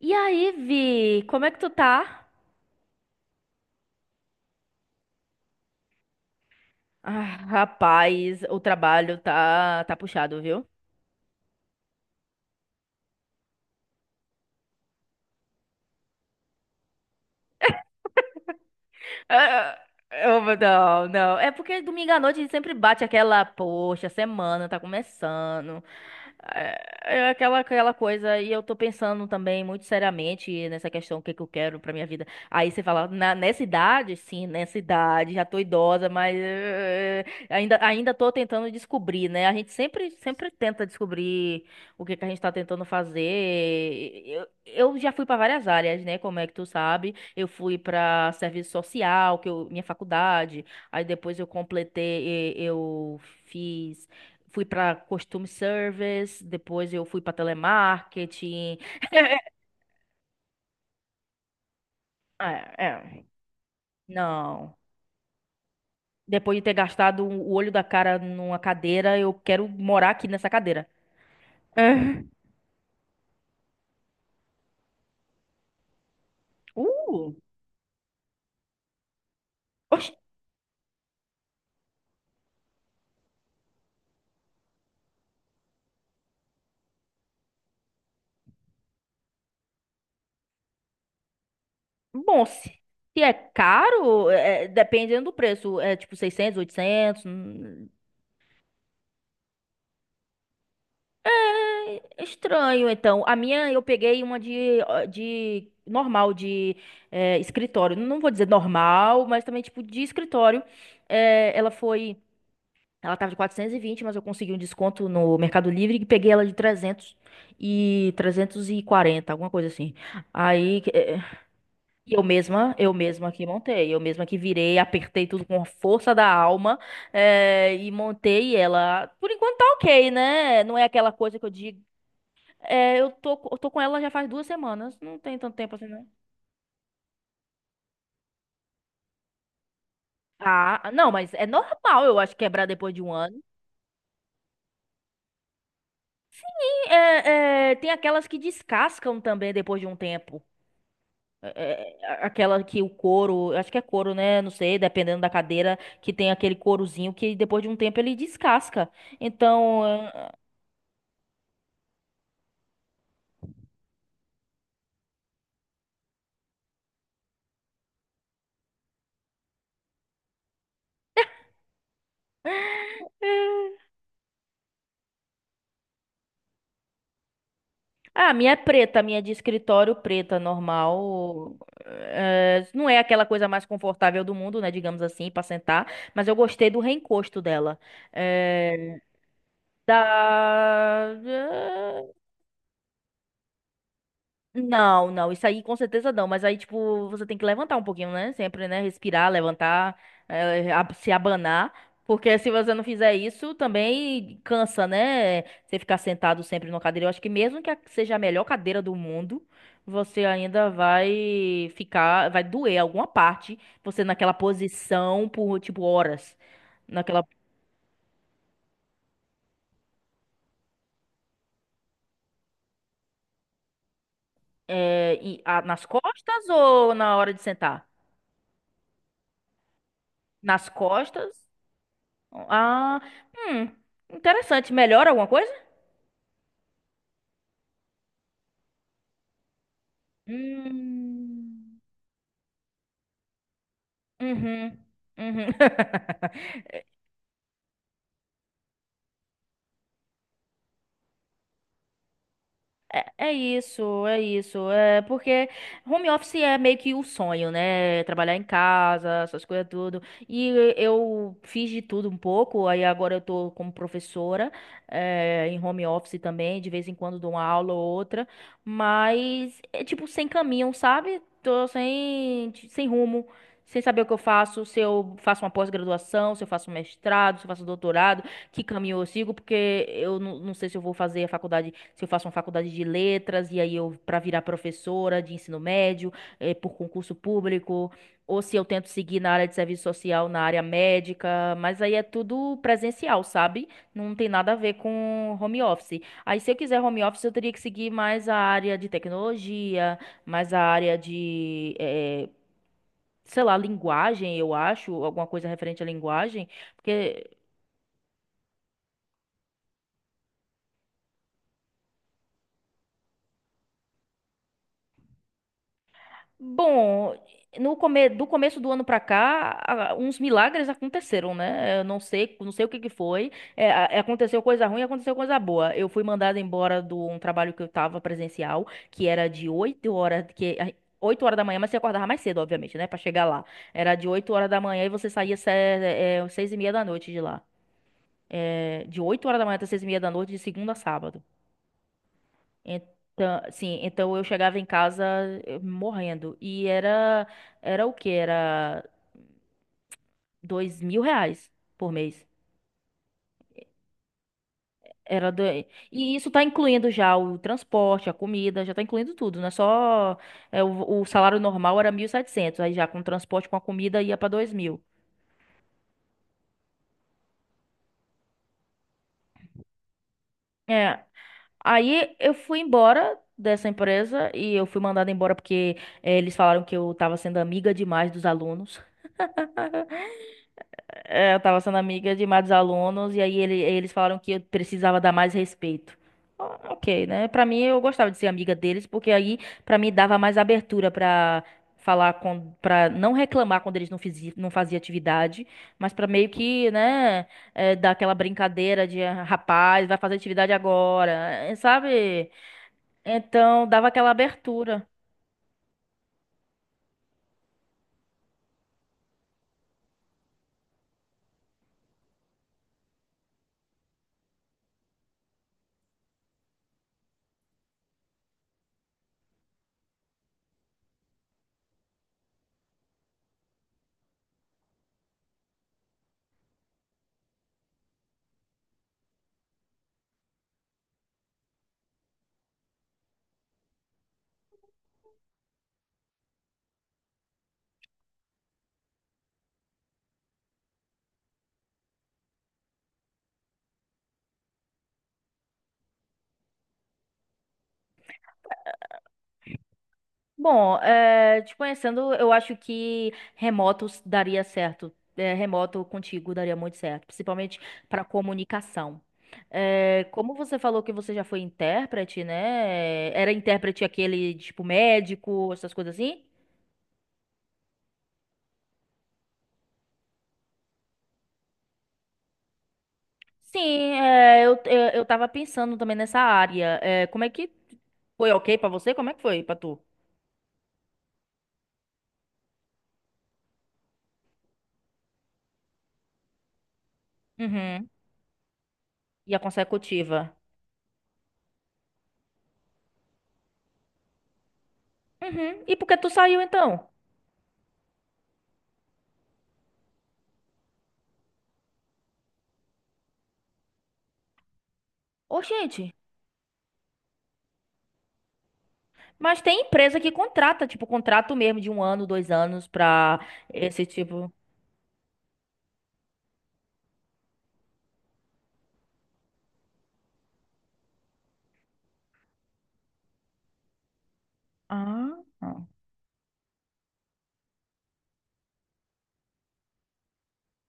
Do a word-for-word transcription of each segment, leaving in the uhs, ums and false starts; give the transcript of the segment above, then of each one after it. E aí, Vi, como é que tu tá? Ah, rapaz, o trabalho tá tá puxado, viu? Ah, eu- não, não. É porque domingo à noite sempre bate aquela, poxa, semana tá começando. É, é aquela, aquela coisa, e eu tô pensando também muito seriamente nessa questão, o que que eu quero pra minha vida. Aí você fala, na, nessa idade, sim, nessa idade, já tô idosa, mas eh, ainda, ainda tô tentando descobrir, né? A gente sempre, sempre tenta descobrir o que que a gente tá tentando fazer. Eu, eu já fui pra várias áreas, né? Como é que tu sabe? Eu fui para serviço social, que eu, minha faculdade. Aí depois eu completei, e- eu fiz, fui para costume service, depois eu fui para telemarketing. É, é, não. Depois de ter gastado o olho da cara numa cadeira, eu quero morar aqui nessa cadeira. É. Uh, oxe, bom, se, se é caro, é, dependendo do preço, é tipo seiscentos, oitocentos. Estranho, então. A minha eu peguei uma de, de normal, de é, escritório. Não vou dizer normal, mas também tipo de escritório. É, ela foi. Ela tava de quatrocentos e vinte mas eu consegui um desconto no Mercado Livre e peguei ela de trezentos e trezentos e quarenta alguma coisa assim. Aí é, eu mesma, eu mesma que montei, eu mesma que virei, apertei tudo com a força da alma é, e montei ela. Por enquanto tá ok, né? Não é aquela coisa que eu digo é, eu tô, co- eu tô com ela já faz duas semanas. Não tem tanto tempo assim, né? Ah, não, mas é normal, eu acho, quebrar depois de um ano. E, é, é, tem aquelas que descascam também depois de um tempo. É, é, a- aquela que o couro, eu acho que é couro, né? Não sei, dependendo da cadeira, que tem aquele courozinho que depois de um tempo ele descasca. Então, é, é, ah, a minha é preta, a minha é de escritório preta, normal. É, não é aquela coisa mais confortável do mundo, né? Digamos assim, pra sentar. Mas eu gostei do reencosto dela. É, da... Não, não, isso aí com certeza não, mas aí, tipo, você tem que levantar um pouquinho, né? Sempre, né? Respirar, levantar, eh, ab- se abanar, porque se você não fizer isso, também cansa, né? Você ficar sentado sempre numa cadeira. Eu acho que mesmo que a- seja a melhor cadeira do mundo, você ainda vai ficar, vai doer alguma parte, você naquela posição por, tipo, horas. Naquela, eh, e- a- nas costas ou na hora de sentar? Nas costas? Ah, hum, interessante. Melhora alguma coisa? Hum, uhum, uhum. É, é isso, é isso. É porque home office é meio que o sonho, né? Trabalhar em casa, essas coisas tudo. E eu fiz de tudo um pouco, aí agora eu tô como professora, é, em home office também, de vez em quando dou uma aula ou outra, mas é tipo sem caminho, sabe? Tô sem, sem rumo. Sem saber o que eu faço, se eu faço uma pós-graduação, se eu faço um mestrado, se eu faço um doutorado, que caminho eu sigo, porque eu não, não sei se eu vou fazer a faculdade, se eu faço uma faculdade de letras e aí eu para virar professora de ensino médio, eh, por concurso público, ou se eu tento seguir na área de serviço social, na área médica, mas aí é tudo presencial, sabe? Não tem nada a ver com home office. Aí se eu quiser home office, eu teria que seguir mais a área de tecnologia, mais a área de eh, sei lá, linguagem, eu acho, alguma coisa referente à linguagem, porque bom, no come... do começo do ano pra cá, a- uns milagres aconteceram, né? Eu não sei, não sei o que que foi. É, a- aconteceu coisa ruim, aconteceu coisa boa. Eu fui mandada embora de um trabalho que eu tava presencial, que era de oito horas, que a- oito horas da manhã, mas você acordava mais cedo, obviamente, né? Pra chegar lá. Era de oito horas da manhã e você saía se- é, seis e meia da noite de lá. É, de oito horas da manhã até seis e meia da noite, de segunda a sábado. Então, sim, então eu chegava em casa eh, morrendo. E era, era o quê? Era dois mil reais por mês. Era do... E isso tá incluindo já o transporte, a comida, já tá incluindo tudo, não é só... é, o, o salário normal era mil e setecentos aí já com o transporte, com a comida ia pra dois mil. É, aí eu fui embora dessa empresa e eu fui mandada embora porque eh, eles falaram que eu tava sendo amiga demais dos alunos. É, eu tava sendo amiga de mais alunos e aí ele- eles falaram que eu precisava dar mais respeito. Ah, ok, né? Pra mim eu gostava de ser amiga deles porque aí pra mim dava mais abertura pra falar com para não reclamar quando eles não fizi, não faziam atividade, mas pra meio que, né, é, dar aquela brincadeira de "Ah, rapaz, vai fazer atividade agora, eh, sabe? Então dava aquela abertura. Bom, eh, te conhecendo, eu acho que remoto s- daria certo. Eh, remoto contigo daria muito certo, principalmente para comunicação. Eh, como você falou que você já foi intérprete, né? Era intérprete aquele tipo médico, essas coisas assim? Sim, eh, eu, eu, eu tava pensando também nessa área. Eh, como é que foi ok para você? Como é que foi para tu? Uhum. E a consecutiva? Uhum. E por que tu saiu então? Ô, gente. Mas tem empresa que contrata, tipo, contrato mesmo de um ano, dois anos pra esse tipo. Ah,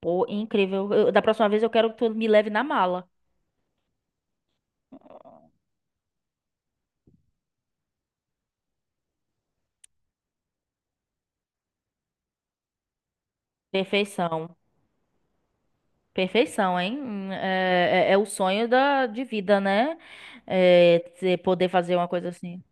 pô, incrível. Eu- da próxima vez eu quero que tu me leve na mala. Perfeição. Perfeição, hein? Hum, É, é- é o sonho da, de vida, né? É, você poder fazer uma coisa assim.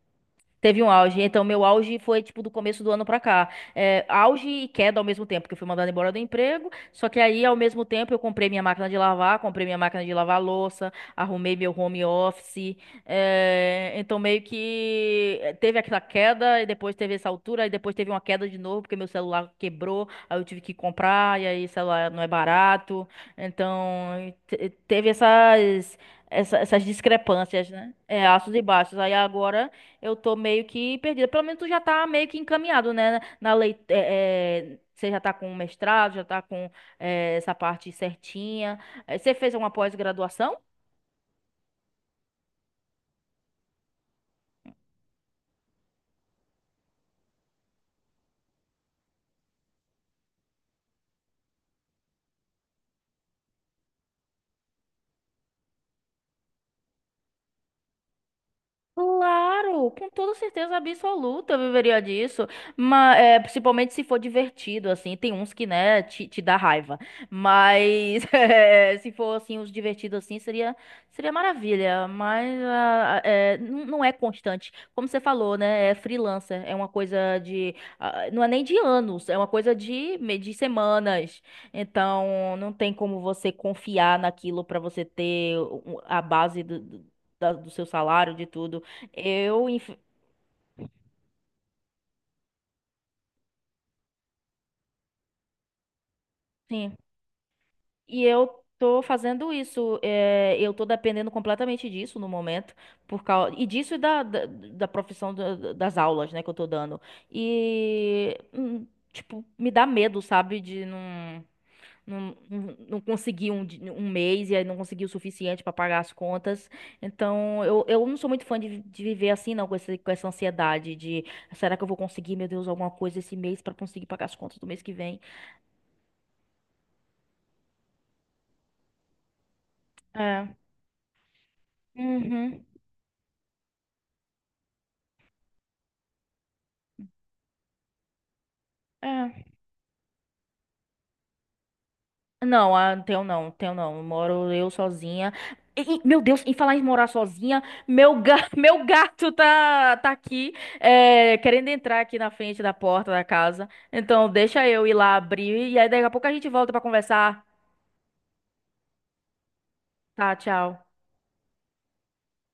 Teve um auge. Então, meu auge foi, tipo, do começo do ano pra cá. É, auge e queda ao mesmo tempo, porque eu fui mandada embora do emprego. Só que aí, ao mesmo tempo, eu comprei minha máquina de lavar, comprei minha máquina de lavar louça, arrumei meu home office. É, então, meio que eh, teve aquela queda, e depois teve essa altura, e depois teve uma queda de novo, porque meu celular quebrou, aí eu tive que comprar, e aí, celular não é barato. Então, te- teve essas, essa- essas discrepâncias, né? É, altos e baixos. Aí agora eu tô meio que perdida. Pelo menos tu já tá meio que encaminhado, né? Na lei, é, é, você já tá com o mestrado, já tá com é, essa parte certinha. Eh, você fez uma pós-graduação? Claro, com toda certeza absoluta eu viveria disso, mas é, principalmente se for divertido, assim, tem uns que, né, te, te dá raiva, mas é, se for, assim, os divertidos, assim, seria, seria maravilha, mas ah, é, não não é constante, como você falou, né, é freelancer, é uma coisa de, ah, não é nem de anos, é uma coisa de, me- de semanas, então não tem como você confiar naquilo para você ter o- a base do do- da- do seu salário, de tudo. Eu, inf- sim. E eu tô fazendo isso. É, eu tô dependendo completamente disso no momento. Por causa, e disso e da, da, da profissão da- da- das aulas, né, que eu tô dando. E, hum, tipo, me dá medo, sabe? De não, não, não não conseguir um, di- um mês e aí não conseguir o suficiente pra pagar as contas. Então, eu, eu não sou muito fã de, vi- de viver assim, não, com esse, com essa ansiedade de será que eu vou conseguir, meu Deus, alguma coisa esse mês pra conseguir pagar as contas do mês que vem? É. Uhum. É. Não, ah, não tenho não, tenho não. Moro eu sozinha. E- e, meu Deus, em falar em morar sozinha, meu, ga meu gato tá, tá aqui, é, querendo entrar aqui na frente da porta da casa. Então, deixa eu ir lá abrir e aí daqui a pouco a gente volta pra conversar. Tá, tchau.